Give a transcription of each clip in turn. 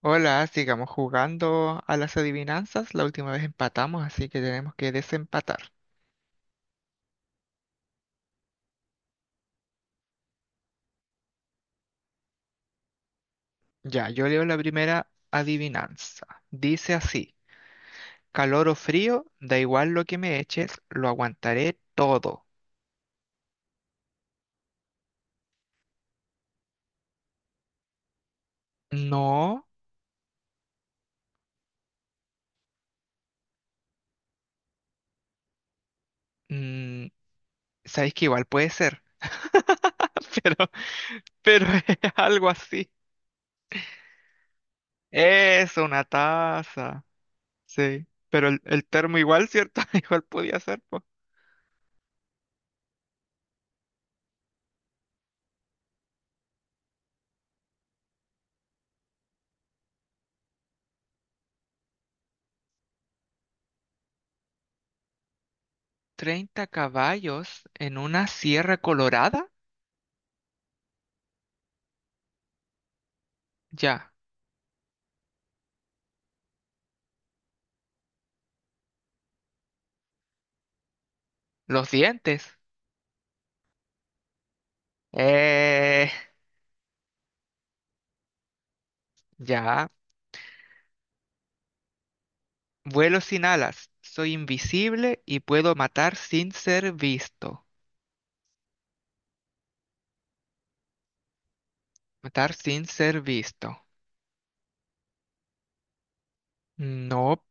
Hola, sigamos jugando a las adivinanzas. La última vez empatamos, así que tenemos que desempatar. Ya, yo leo la primera adivinanza. Dice así, calor o frío, da igual lo que me eches, lo aguantaré todo. No, mm, sabéis que igual puede ser, pero, pero es algo así. Es una taza. Sí, pero el termo igual, ¿cierto? Igual podía ser, pues. 30 caballos en una sierra colorada. Ya. Los dientes. Eh, ya. Vuelo sin alas. Soy invisible y puedo matar sin ser visto. Matar sin ser visto. No,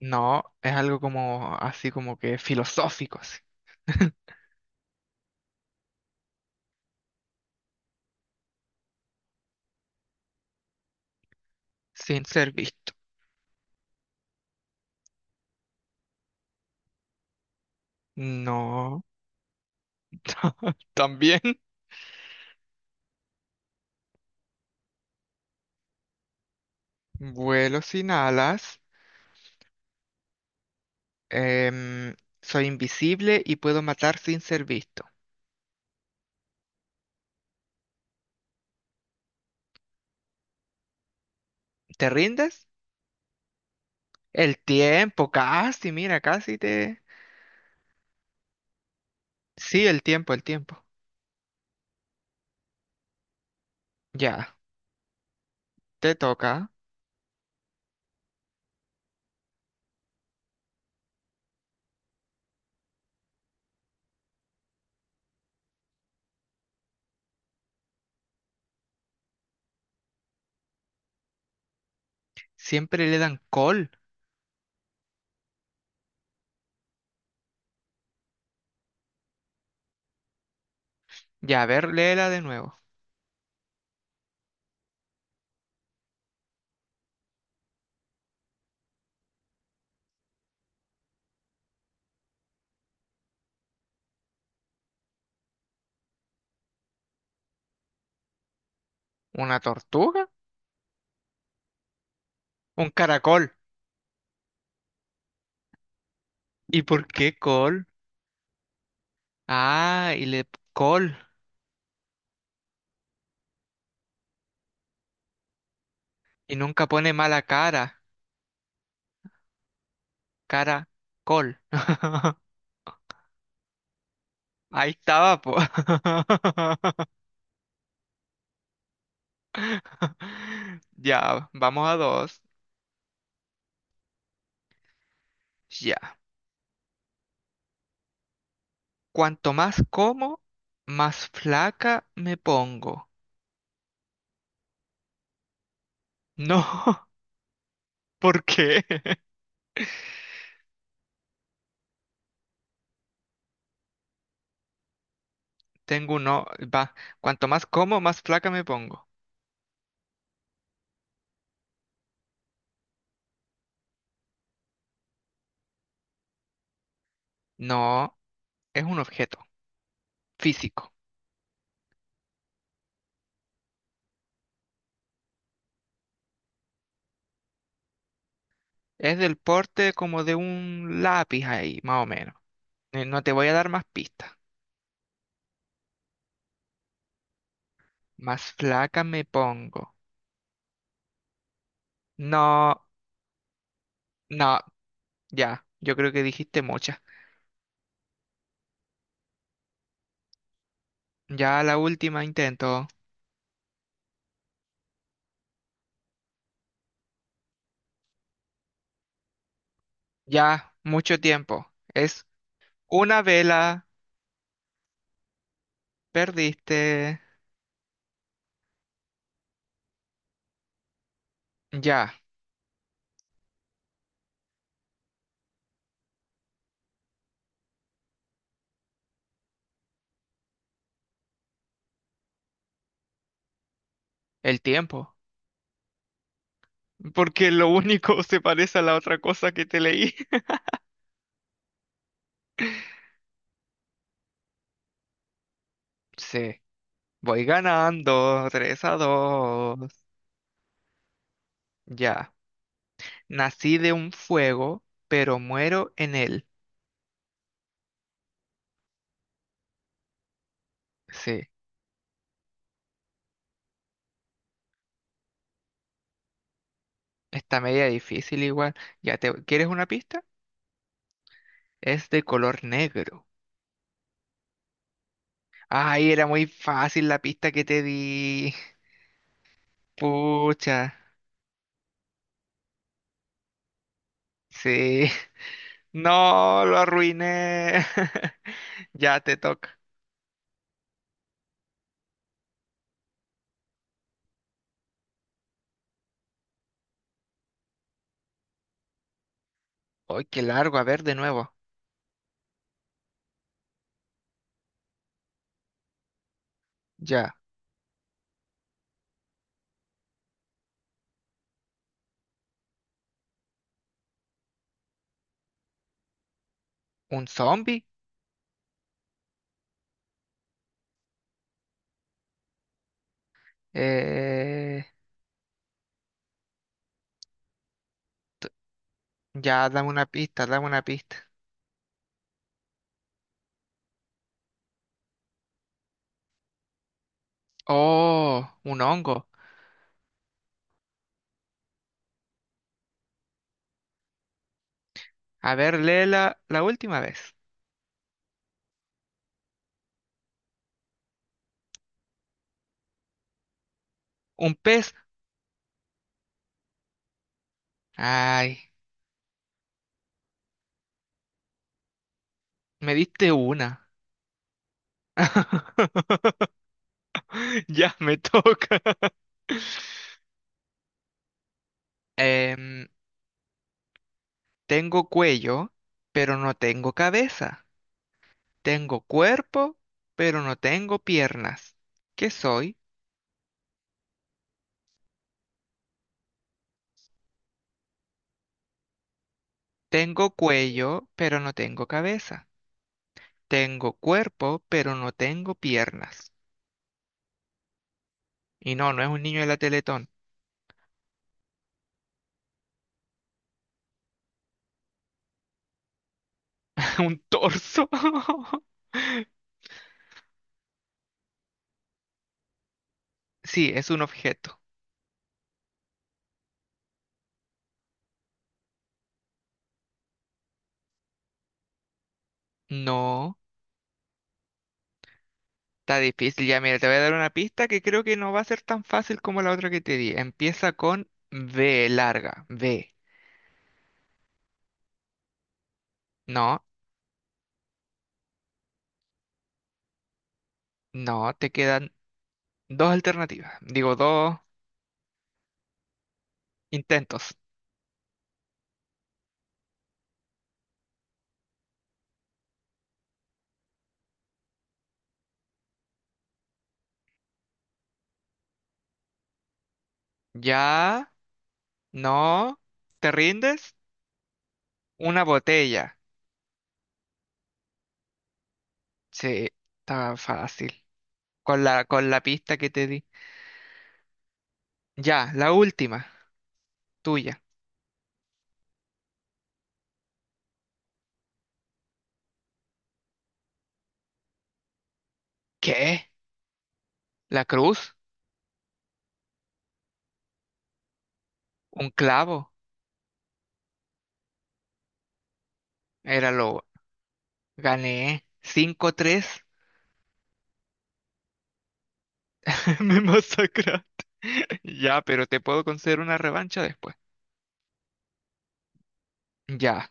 no. Es algo como así como que filosófico. Así. Sin ser visto. No. También. Vuelo sin alas. em, soy invisible y puedo matar sin ser visto. ¿Te rindes? El tiempo, casi, mira, casi te... Sí, el tiempo, el tiempo. Ya, te toca. Siempre le dan col. Ya, a ver, léela de nuevo. ¿Una tortuga? Un caracol. ¿Y por qué col? Ah, y le col. Y nunca pone mala cara. Cara, col. Ahí estaba, po. Ya, vamos a dos. Ya. Cuanto más como, más flaca me pongo. No, ¿por qué? Tengo uno, va, cuanto más como, más flaca me pongo. No, es un objeto físico. Es del porte como de un lápiz ahí, más o menos. No te voy a dar más pistas. Más flaca me pongo. No, no, ya, yo creo que dijiste muchas. Ya la última intento. Ya, mucho tiempo. Es una vela. Perdiste. Ya, el tiempo. Porque lo único se parece a la otra cosa que te leí. Sí. Voy ganando, 3 a dos. Ya. Nací de un fuego, pero muero en él. Sí, está media difícil igual. Ya te, ¿quieres una pista? Es de color negro. Ay, era muy fácil la pista que te di. Pucha. Sí. No, lo arruiné. Ya te toca. Ay, qué largo. A ver, de nuevo. Ya. ¿Un zombie? Eh, ya, dame una pista, dame una pista. Oh, un hongo. A ver, léela la última vez. Un pez. Ay, me diste una. Ya me toca. Em, tengo cuello, pero no tengo cabeza. Tengo cuerpo, pero no tengo piernas. ¿Qué soy? Tengo cuello, pero no tengo cabeza. Tengo cuerpo, pero no tengo piernas. Y no, no es un niño de la Teletón. Un torso. Sí, es un objeto. No, está difícil. Ya, mira, te voy a dar una pista que creo que no va a ser tan fácil como la otra que te di. Empieza con B, larga. B. No, no, te quedan dos alternativas. Digo, dos intentos. Ya, no, ¿te rindes? Una botella. Sí, está fácil. Con la pista que te di. Ya, la última, tuya. ¿Qué? ¿La cruz? ¿Un clavo? Era lo. Gané cinco tres. Me masacraste. Ya, pero te puedo conceder una revancha después. Ya,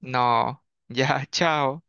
no, ya, chao.